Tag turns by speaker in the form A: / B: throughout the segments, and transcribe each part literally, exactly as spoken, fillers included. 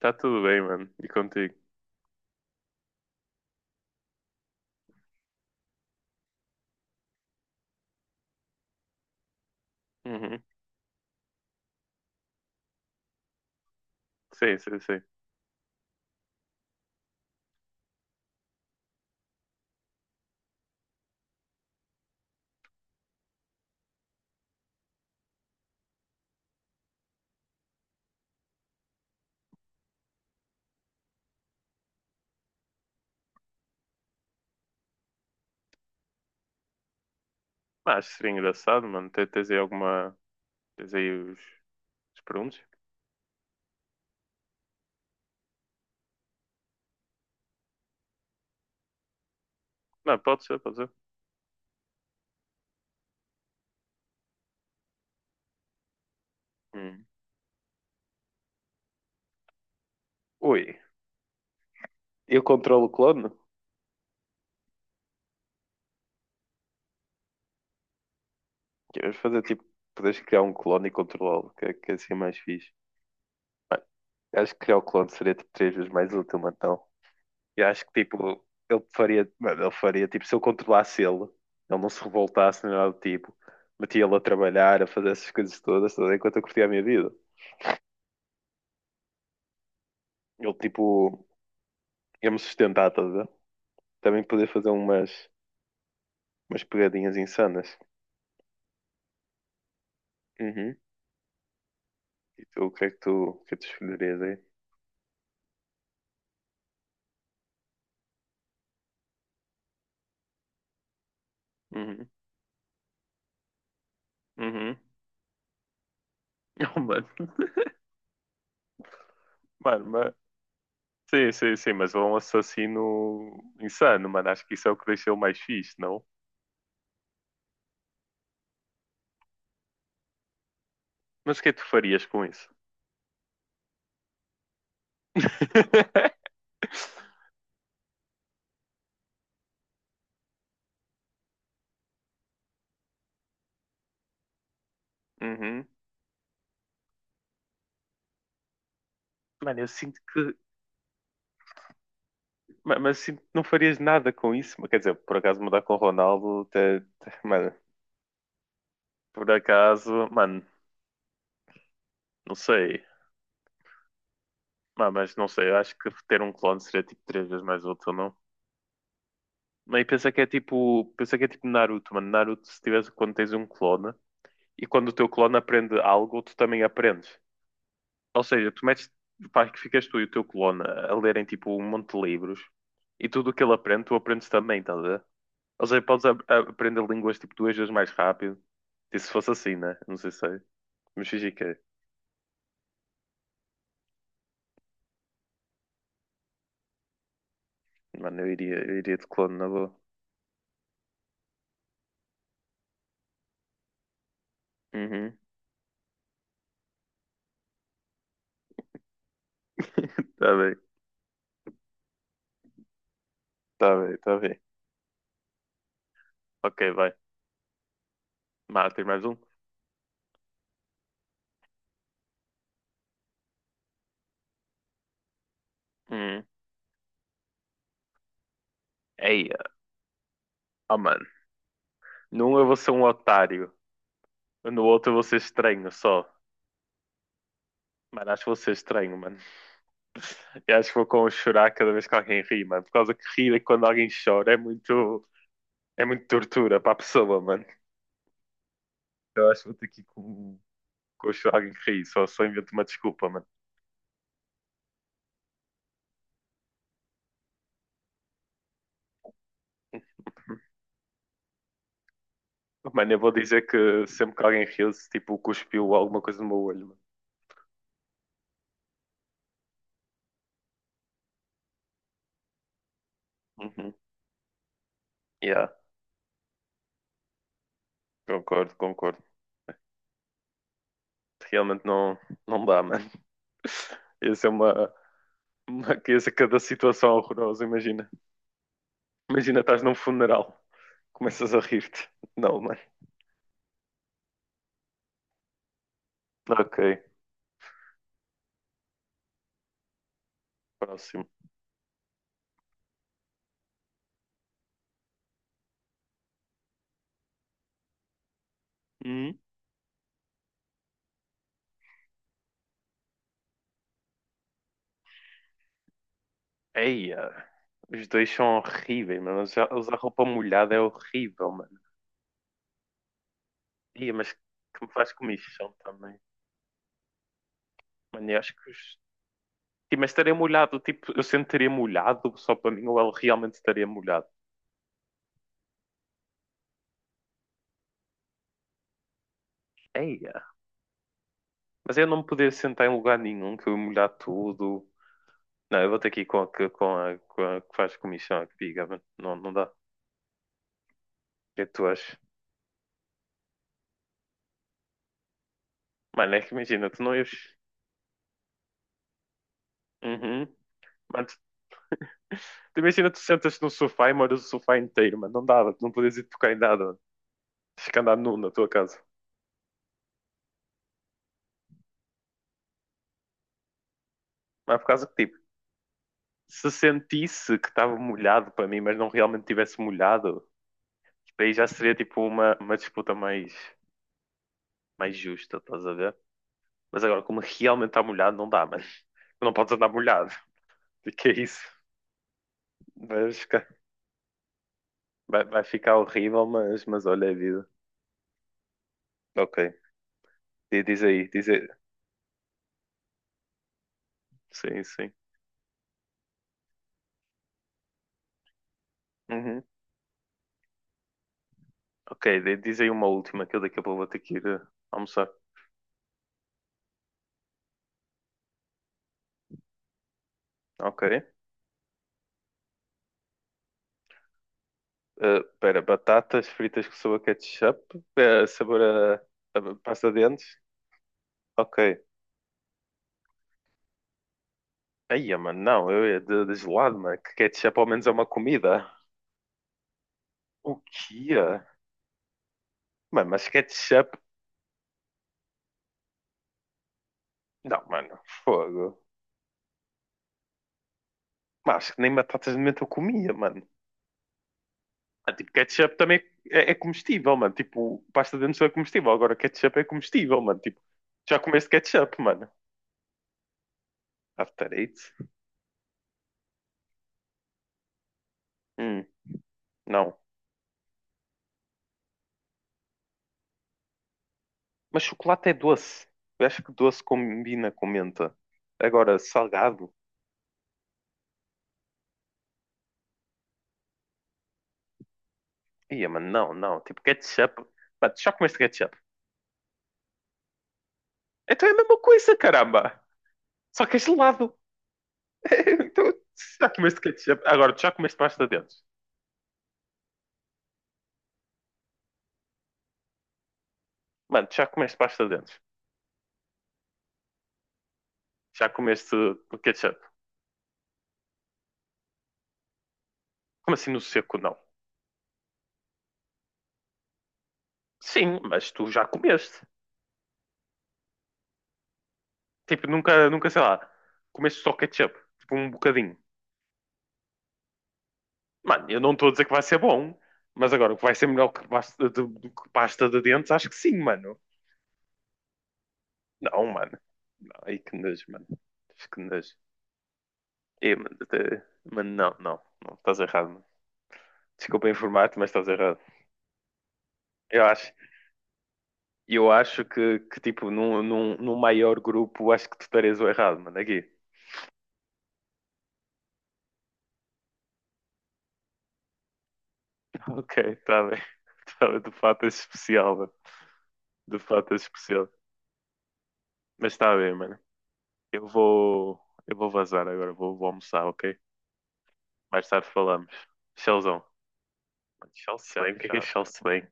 A: Tá tudo bem, mano. E contigo? Uhum. Sim, sim, sim. Mas acho que seria engraçado, mano. Te- Tens aí alguma. Tens aí os, os perguntas? Não, pode ser, pode ser. Hum. Ui, eu controlo o clone? Queres fazer tipo, podes criar um clone e controlá-lo, que, é- que é assim mais fixe. Mano, acho que criar o clone seria tipo três vezes mais útil, mano. Então, e acho que tipo, ele faria, mano, ele faria tipo, se eu controlasse ele, ele não se revoltasse nem nada do tipo, metia ele a trabalhar, a fazer essas coisas todas, tudo, enquanto eu curtia a minha vida. Ele tipo, ia-me sustentar, estás a ver? Também poder fazer umas, umas pegadinhas insanas. Uhum. E tu, o que é que tu, o que é que tu escolherias aí? Uhum. Uhum. Oh, mano. Mano, mas... Sim, sim, sim, mas um assassino insano, mano. Acho que isso é o que deixou mais fixe, não? Mas o que é que tu farias com isso? Uhum. Mano, eu sinto que. ma- Mas eu sinto que não farias nada com isso. Mas, quer dizer, por acaso mudar com o Ronaldo, até. até- mano, por acaso, mano, não sei. Ah, mas não sei, eu acho que ter um clone seria tipo três vezes mais útil, não? Não, e pensa que é tipo, pensa que é tipo Naruto, mano. Naruto, se tiveres quando tens um clone e quando o teu clone aprende algo, tu também aprendes. Ou seja, tu metes, faz que ficas tu e o teu clone a lerem tipo um monte de livros e tudo o que ele aprende, tu aprendes também, estás a ver? Ou seja, podes a- a- aprender línguas tipo duas vezes mais rápido. E se fosse assim, né? Não sei se é. Mas fingi que é. Mano, eu iria, eu iria de clone na boa. Uhum. Tá bem, tá bem, tá bem. Ok, vai. Mano, tem mais um? Hum. Ei, oh, mano. Num eu vou ser um otário. No outro eu vou ser estranho só. Mano, acho que vou ser estranho, mano. Eu acho que vou com chorar cada vez que alguém ri, mano. Por causa que rir é quando alguém chora é muito. É muito tortura para a pessoa, mano. Eu acho que vou ter que ir com, com chorar alguém que ri. Só, só invento uma desculpa, mano. Mano, eu vou dizer que sempre que alguém riu-se, tipo, cuspiu alguma coisa no meu olho, mano. Uhum. Yeah, concordo, concordo. Realmente não, não dá, mano. Isso é uma, Uma riqueza cada situação horrorosa, imagina. Imagina, estás num funeral, começas a rir-te. Não, mano. Ok, próximo. Hum? Eia, os dois são horríveis, mano. Usar usar roupa molhada é horrível, mano. Eia, mas que me faz comichão também. Mano, eu acho que os... Sim, mas estaria molhado, tipo, eu sentaria molhado só para mim ou ele realmente estaria molhado? Eia, mas eu não me poder sentar em lugar nenhum, que eu ia molhar tudo. Não, eu vou ter que ir com a que, com a, com a que faz comissão, a que diga, mano. Não, não dá. O que é que tu achas? Mano, é que imagina, tu não ias. Uhum. Mano, tu, tu imagina, tu sentas no sofá e moras o sofá inteiro, mano. Não dava, tu não podias ir tocar em nada, mano. Tens que andar nu na tua casa. Mas por causa que, tipo, se sentisse que estava molhado para mim, mas não realmente tivesse molhado, daí já seria, tipo, uma, uma disputa mais, mais justa, estás a ver? Mas agora, como realmente está molhado, não dá, mano. Tu não podes andar molhado. O que é isso? Mas vai, vai ficar horrível, mas, mas olha a vida. Ok. Di- Diz aí, diz aí. Sim, sim. Uhum. Ok, di- diz aí uma última que eu daqui a pouco vou ter que ir eh, almoçar. Ok. Eh, Espera, batatas fritas com sabor ketchup, eh, sabor a, a pasta de dentes. Ok. Aí, mano, não, eu ia de, de gelado, mano, que ketchup ao menos é uma comida. O que é? Mano, mas ketchup. Não, mano, fogo. Mas acho que nem batatas de menta eu comia, mano. Ah, tipo, ketchup também é, é comestível, mano. Tipo, pasta de dentes não é comestível. Agora, ketchup é comestível, mano. Tipo, já comeste ketchup, mano. After eight? Hum, não. Mas chocolate é doce. Eu acho que doce combina com menta. Agora, salgado? Ia, mano, não, não. Tipo, ketchup. Mano, tu já comeste ketchup. Então é a mesma coisa, caramba. Só que é gelado. Então, tu já comeste ketchup. Agora, tu já comeste pasta de dentes. Mano, tu já comeste pasta de dentes. Já comeste ketchup. Como assim no seco, não? Sim, mas tu já comeste. Tipo, nunca, nunca, sei lá, comeste só ketchup. Tipo, um bocadinho. Mano, eu não estou a dizer que vai ser bom, mas agora, que vai ser melhor que pasta de, do que pasta de dentes, acho que sim, mano. Não, mano. Não, aí que nojo, mano. Acho que nojo. É, mano, até- mano, não, não, não, estás errado, mano. Desculpa informar-te, mas estás errado. Eu acho, eu acho que, que tipo, num, num, num maior grupo, acho que tu estarias o errado, mano, aqui. Ok, está bem. Tá bem, de fato é especial, mano. De fato é especial. Mas tá bem, mano. Eu vou, eu vou vazar agora, vou, vou almoçar, ok? Mais tarde falamos. Tchauzão. Mano, se tchau, bem, o que é que é tchau. Tchauzão?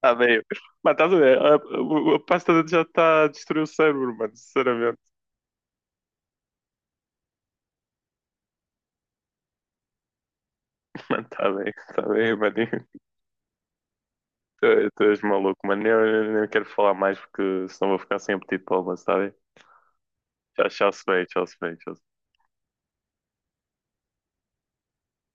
A: Tá bem. Mano, estás a ver? A, a- a pasta de dente já está a destruir o cérebro, mano, sinceramente. Mano, tá bem, tá bem, mano. Tu, tu és maluco, mano. Eu, eu nem quero falar mais porque senão vou ficar sem apetite para o almoço, tá bem? Tchau, tchau, se bem, tchau, se bem, tchau.